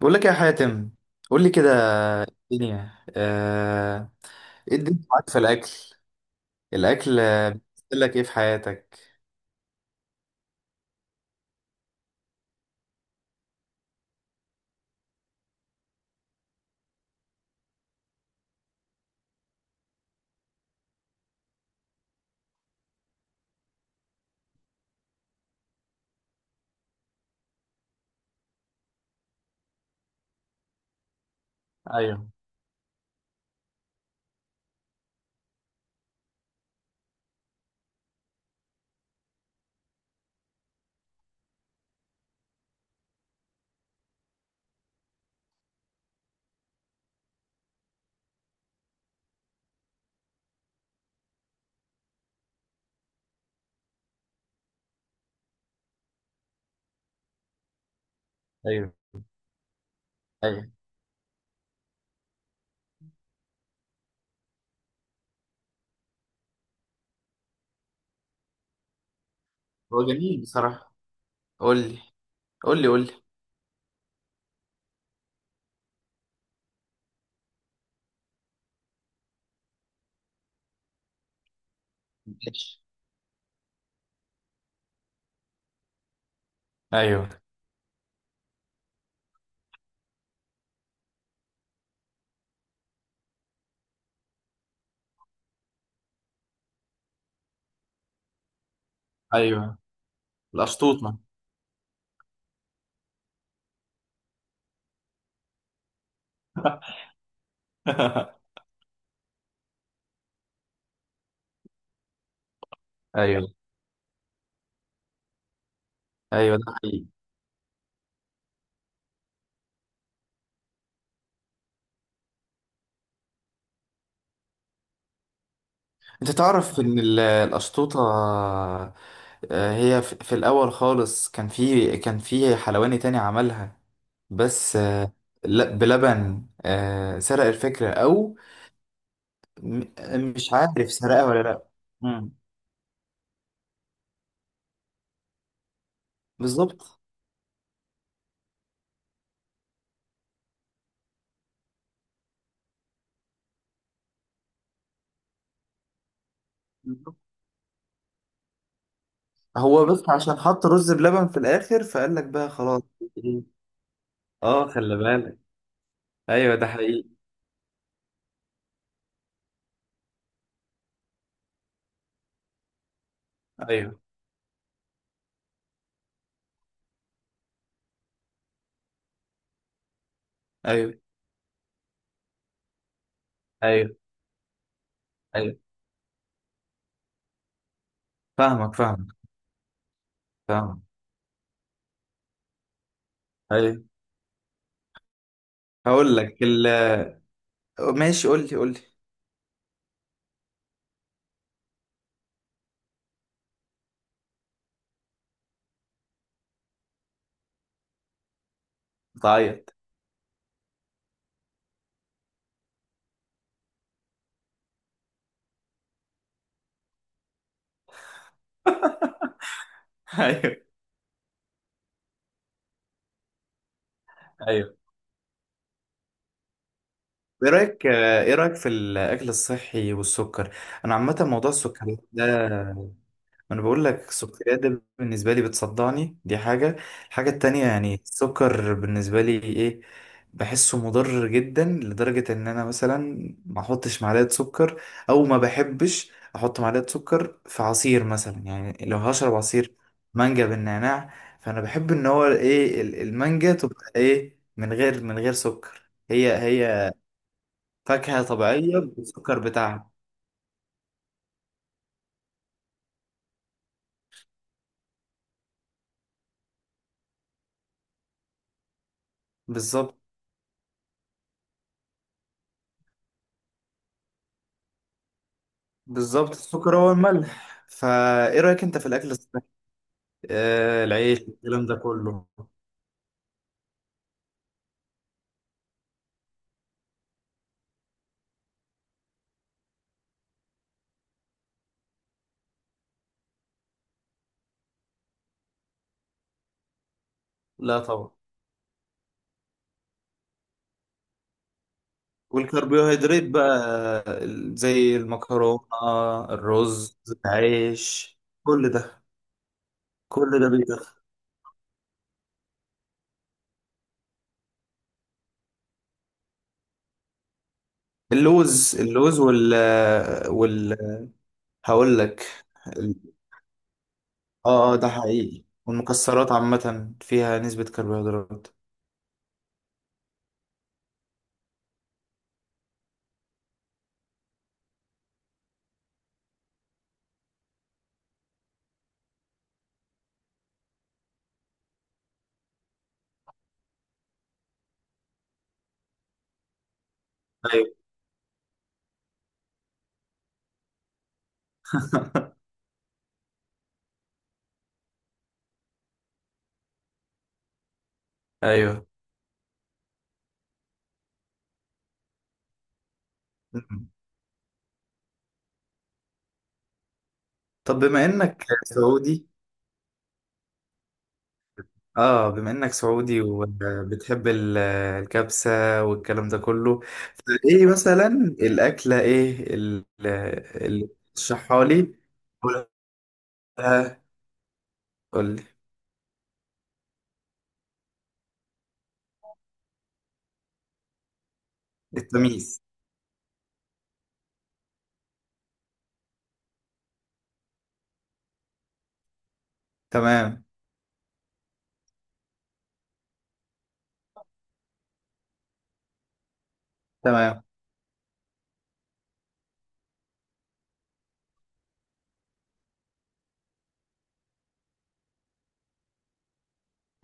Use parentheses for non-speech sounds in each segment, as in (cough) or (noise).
بقول لك يا حاتم. قول لي كده. الدنيا ايه الدنيا معاك في الاكل؟ الاكل بيمثل لك ايه في حياتك؟ ايوه. ايوه. ايوه. هو جميل بصراحة. قول لي. قول لي. ماشي. ايوه. ايوه. الاسطوطه. (laughs) ايوه. ايوه ده حقيقي. انت تعرف ان الاسطوطه هي في الاول خالص كان في كان في حلواني تاني عملها، بس بلبن سرق الفكرة، أو م- مش عارف سرقة ولا لا. مم. بالظبط. بالظبط. هو بس عشان حط رز بلبن في الاخر فقال لك بقى خلاص. اه خلي بالك. ايوه ده حقيقي. ايوه. ايوه. ايوه. ايوه. فاهمك. فاهمك. فاهمك. ايوه. هقول لك ماشي. قول لي. بتعيط. (laughs) ايوه. ايوه. ايه رايك؟ ايه رايك في الاكل الصحي والسكر؟ انا عامه موضوع السكريات ده، انا بقول لك السكريات ده بالنسبه لي بتصدعني، دي حاجه. الحاجه التانية يعني السكر بالنسبه لي ايه، بحسه مضر جدا لدرجه ان انا مثلا ما احطش معلقه سكر، او ما بحبش احط معلقه سكر في عصير مثلا. يعني لو هشرب عصير مانجا بالنعناع، فانا بحب ان هو ايه المانجا تبقى ايه من غير من غير سكر، هي فاكهه طبيعيه بالسكر بتاعها. بالظبط. بالظبط، السكر هو الملح. فايه رايك انت في الاكل الصحي، العيش، الكلام ده كله؟ لا طبعا. والكربوهيدرات بقى، آه، زي المكرونه، الرز، العيش، كل ده. كل ده بيتاخد. اللوز، اللوز وال وال هقول لك ال- اه ده حقيقي، والمكسرات عامه فيها نسبه كربوهيدرات. ايوه. ايوه. مم. طب بما انك سعودي، اه بما انك سعودي وبتحب الكبسة والكلام ده كله، فايه مثلا الاكلة ايه اللي تشرحها لي؟ قولها. قول لي. التميس. تمام. تمام.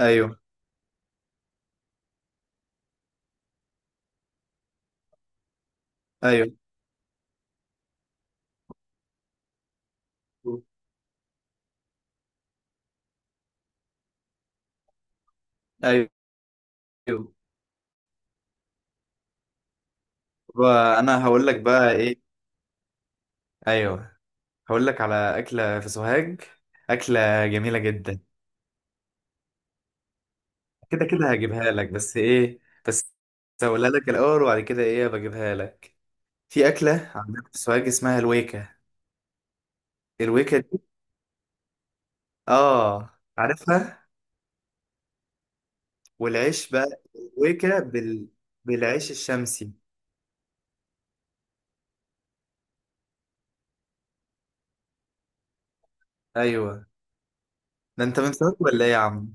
ايوه. ايوه. ايوه. وانا هقول لك بقى ايه. ايوه. هقول لك على اكلة في سوهاج، اكلة جميلة جدا. كده كده هجيبها لك، بس ايه، بس هقولها لك الاول، وبعد كده ايه بجيبها لك. في أكلة عندنا في السوهاج اسمها الويكة. الويكة دي. آه عارفها. والعيش بقى، الويكة بالعيش الشمسي. أيوه. ده أنت من سوهاج ولا إيه يا عم؟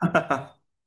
(laughs)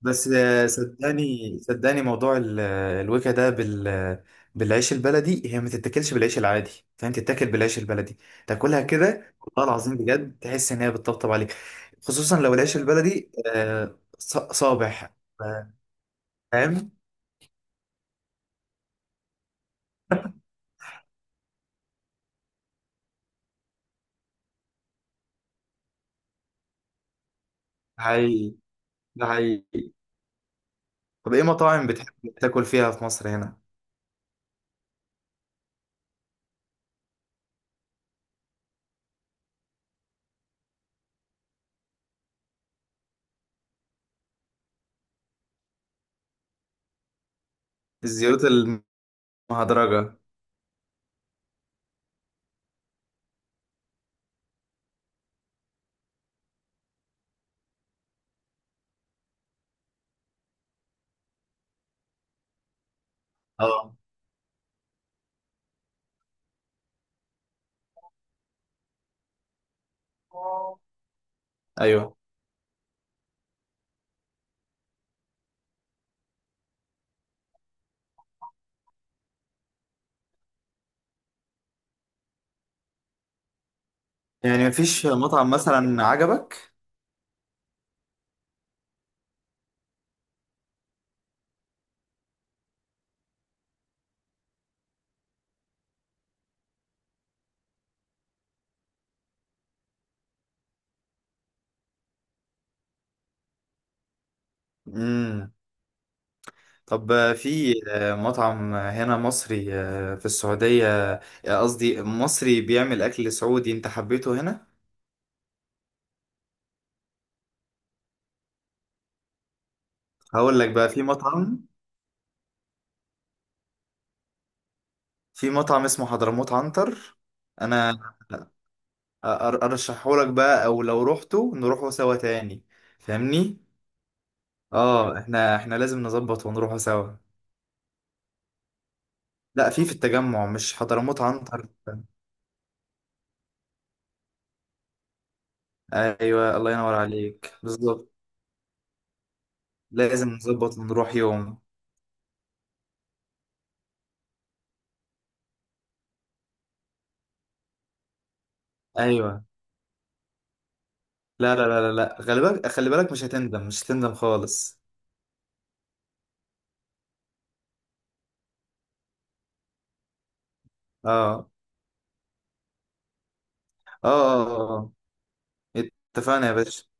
بس صدقني. صدقني موضوع الويكة ده بالعيش البلدي هي ما تتاكلش بالعيش العادي، فاهم؟ تتاكل بالعيش البلدي. تاكلها كده والله العظيم بجد تحس إن هي بتطبطب عليك، خصوصا لو العيش البلدي صابح. ف- فاهم؟ هاي. ده حقيقي. طب ايه مطاعم بتحب تاكل فيها في مصر هنا؟ الزيوت المهدرجة. اه. ايوه. يعني مفيش مطعم مثلا عجبك؟ امم. طب في مطعم هنا مصري في السعودية، قصدي مصري بيعمل اكل سعودي، انت حبيته هنا؟ هقول لك بقى في مطعم، في مطعم اسمه حضرموت عنتر. انا أر- ارشحه لك بقى، او لو روحته نروحه سوا تاني، فاهمني؟ اه، احنا لازم نظبط ونروحه سوا. لا في في التجمع مش حضرموت عنتر. ايوه الله ينور عليك بالظبط. لازم نظبط ونروح يوم. ايوه. لا لا لا لا لا، خلي بالك، خلي بالك مش هتندم، مش هتندم خالص. اه. اه. اه. آه. آه. اتفقنا يا باشا.